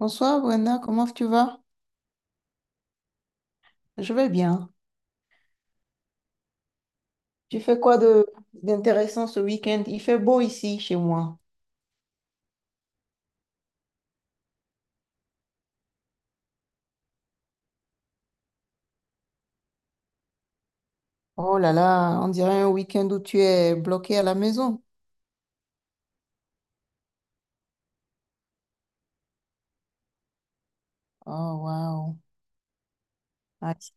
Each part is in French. Bonsoir Brenda, comment tu vas? Je vais bien. Tu fais quoi de d'intéressant ce week-end? Il fait beau ici chez moi. Oh là là, on dirait un week-end où tu es bloqué à la maison. Oh wow. Ah, ici-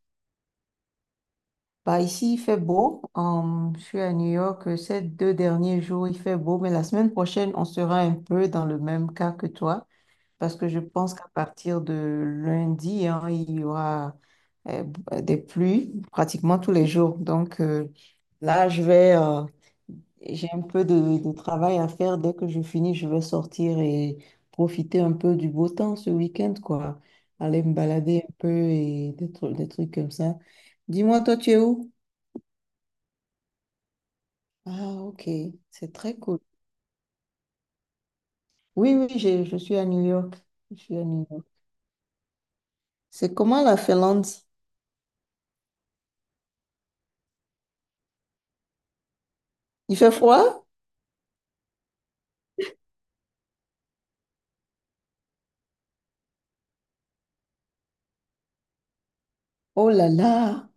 Bah ici il fait beau. Je suis à New York ces deux derniers jours il fait beau, mais la semaine prochaine on sera un peu dans le même cas que toi. Parce que je pense qu'à partir de lundi, hein, il y aura des pluies pratiquement tous les jours. Donc là, j'ai un peu de travail à faire. Dès que je finis, je vais sortir et profiter un peu du beau temps ce week-end, quoi. Aller me balader un peu et des trucs comme ça. Dis-moi, toi, tu es où? Ah, ok, c'est très cool. Oui, oui, je suis à New York. Je suis à New York. C'est comment la Finlande? Il fait froid? Oh là là.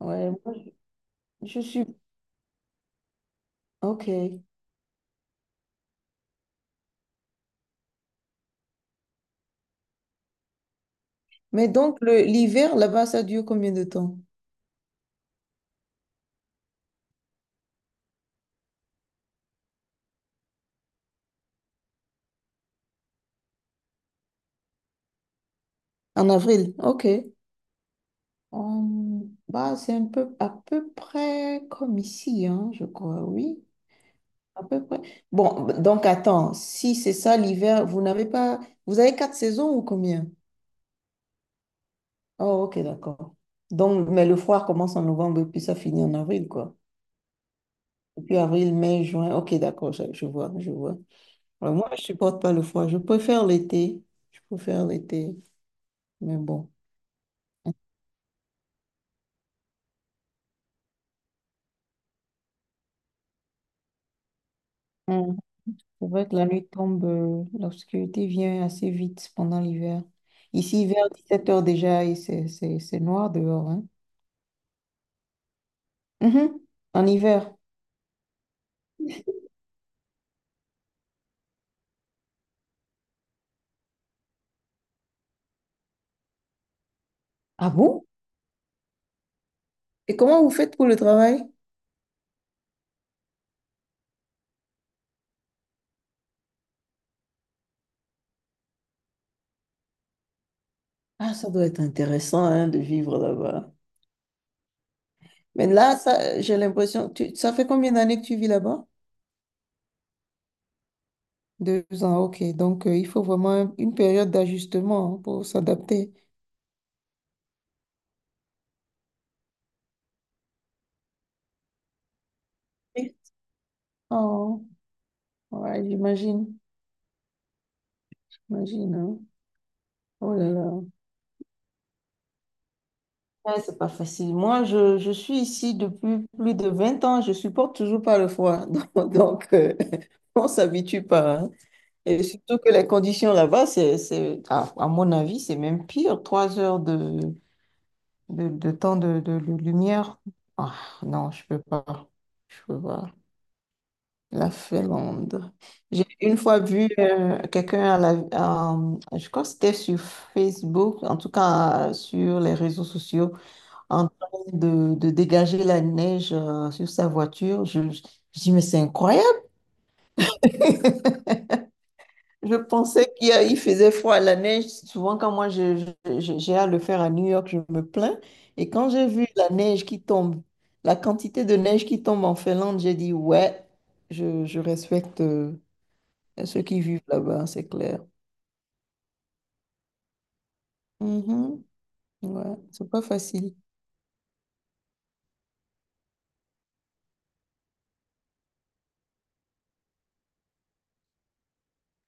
Ouais, moi, je suis... OK. Mais donc, l'hiver, là-bas, ça dure combien de temps? En avril. OK. Bah, c'est un peu, à peu près comme ici, hein, je crois, oui. À peu près. Bon, donc, attends. Si c'est ça, l'hiver, vous n'avez pas. Vous avez quatre saisons ou combien? Oh, OK, d'accord. Donc, mais le froid commence en novembre et puis ça finit en avril, quoi. Et puis avril, mai, juin. OK, d'accord, je vois, je vois. Alors, moi, je supporte pas le froid. Je préfère l'été. Je préfère l'été. Mais bon. Hum, C'est vrai que la nuit tombe, l'obscurité vient assez vite pendant l'hiver. Ici, vers 17 heures déjà, et c'est noir dehors, hein. Mhm. En hiver. Ah bon? Et comment vous faites pour le travail? Ah, ça doit être intéressant, hein, de vivre là-bas. Mais là, ça, j'ai l'impression, ça fait combien d'années que tu vis là-bas? 2 ans, ok. Donc, il faut vraiment une période d'ajustement, hein, pour s'adapter. Oui. Oh. Ouais, j'imagine. J'imagine, hein. Oh là là. Ouais, c'est pas facile. Moi, je suis ici depuis plus de 20 ans. Je supporte toujours pas le froid. Donc, on s'habitue pas, hein. Et surtout que les conditions là-bas, c'est, à mon avis, c'est même pire. 3 heures de temps de lumière. Ah, non, je peux pas. Je peux pas. La Finlande. J'ai une fois vu quelqu'un je crois que c'était sur Facebook, en tout cas sur les réseaux sociaux, en train de dégager la neige sur sa voiture. Je dis, mais c'est incroyable. Je pensais il faisait froid à la neige. Souvent, quand moi j'ai à le faire à New York, je me plains. Et quand j'ai vu la neige qui tombe, la quantité de neige qui tombe en Finlande, j'ai dit, ouais, je respecte, à ceux qui vivent là-bas, c'est clair. Mhm. Ouais, c'est pas facile.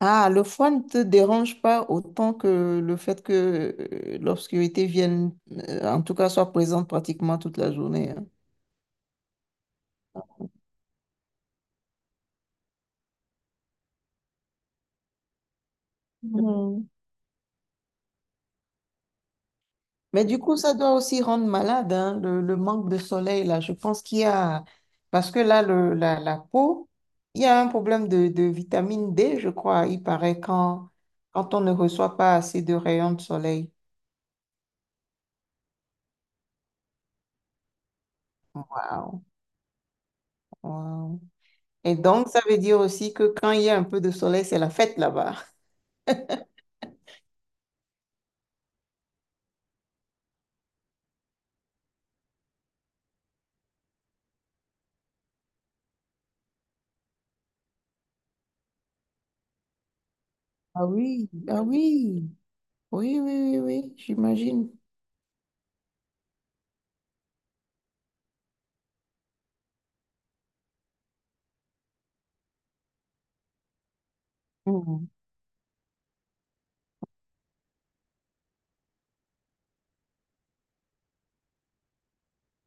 Ah, le froid ne te dérange pas autant que le fait que l'obscurité vienne, en tout cas, soit présente pratiquement toute la journée, hein. Mhm. Mais du coup, ça doit aussi rendre malade, hein, le manque de soleil, là. Je pense qu'il y a. Parce que là, la peau, il y a un problème de vitamine D, je crois. Il paraît quand on ne reçoit pas assez de rayons de soleil. Waouh, waouh. Et donc, ça veut dire aussi que quand il y a un peu de soleil, c'est la fête là-bas. Ah oui, ah oui, oui, oui, oui, oui, j'imagine. Mhm.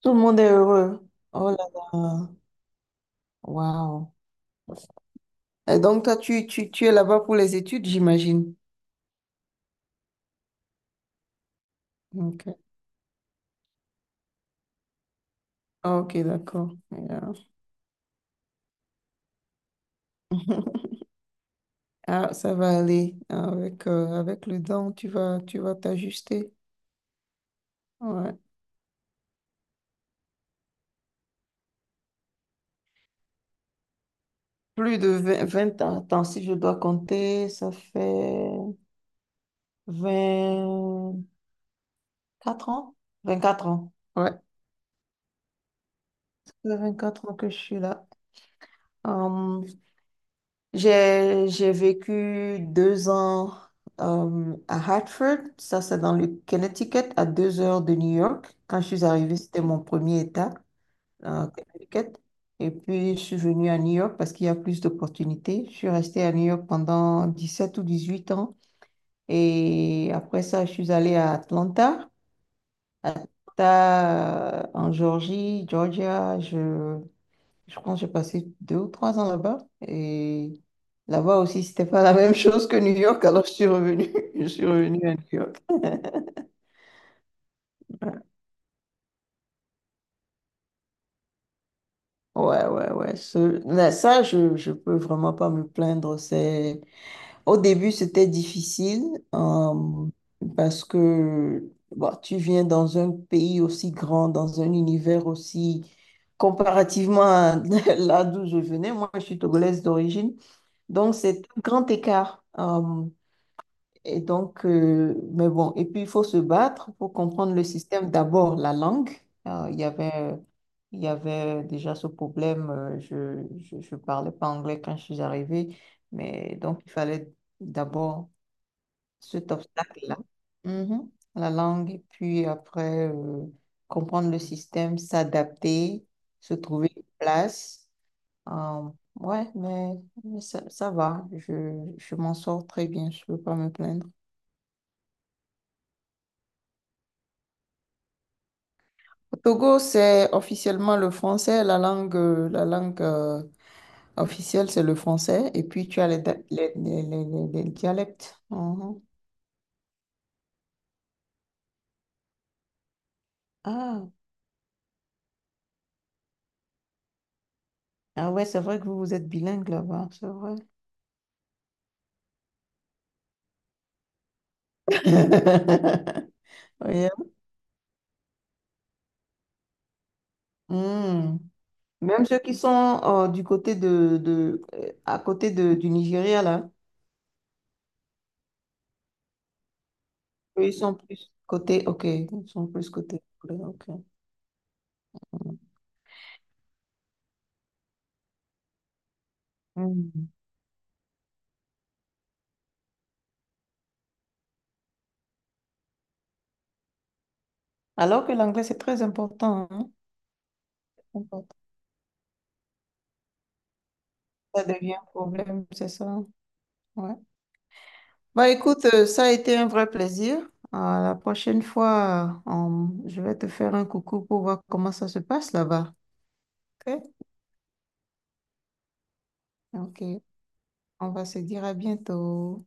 Tout le monde est heureux. Oh là là. Waouh. Et donc, toi, tu es là-bas pour les études, j'imagine. Ok. Ah, ok, d'accord. Yeah. Ah, ça va aller. Avec le temps, tu vas t'ajuster. Ouais. Plus de vingt ans. Attends, si je dois compter, ça fait 24 ans? 24 ans. Ouais, ça fait 24 ans que je suis là. Euh, j'ai vécu 2 ans à Hartford, ça c'est dans le Connecticut, à 2 heures de New York. Quand je suis arrivée, c'était mon premier état, Connecticut. Et puis, je suis venue à New York parce qu'il y a plus d'opportunités. Je suis restée à New York pendant 17 ou 18 ans. Et après ça, je suis allée à Atlanta. Atlanta, en Georgie, Georgia, je pense que j'ai passé 2 ou 3 ans là-bas. Et là-bas aussi, c'était pas la même chose que New York. Alors, je suis revenue. Je suis revenue à New York. Ouais, ouais, ouais. Mais ça, je peux vraiment pas me plaindre. C'est. Au début, c'était difficile euh, parce que bon, tu viens dans un pays aussi grand, dans un univers aussi. Comparativement à là d'où je venais, moi, je suis togolaise d'origine. Donc, c'est un grand écart. Et donc, mais bon, et puis il faut se battre pour comprendre le système. D'abord, la langue. Euh, il y avait, il y avait déjà ce problème. Je parlais pas anglais quand je suis arrivée, mais donc il fallait d'abord cet obstacle-là. Mhm. La langue, et puis après, comprendre le système, s'adapter, se trouver une place. Euh, ouais, mais ça, ça va. Je m'en sors très bien. Je peux pas me plaindre. Au Togo, c'est officiellement le français, la langue officielle, c'est le français, et puis tu as les, da- les dialectes. Mhm. Ah. Ah ouais, c'est vrai que vous, vous êtes bilingue là-bas, c'est vrai. Ouais. Hmm. Même ceux qui sont du côté de, à côté de, du Nigeria, là, eux, ils sont plus côté, ok, ils sont plus côté, anglais, ok. Hmm. Hmm. Alors que l'anglais, c'est très important, hein. Ça devient un problème, c'est ça. Ouais. Bah écoute, ça a été un vrai plaisir. À la prochaine fois, je vais te faire un coucou pour voir comment ça se passe là-bas. Ok? Ok. On va se dire à bientôt.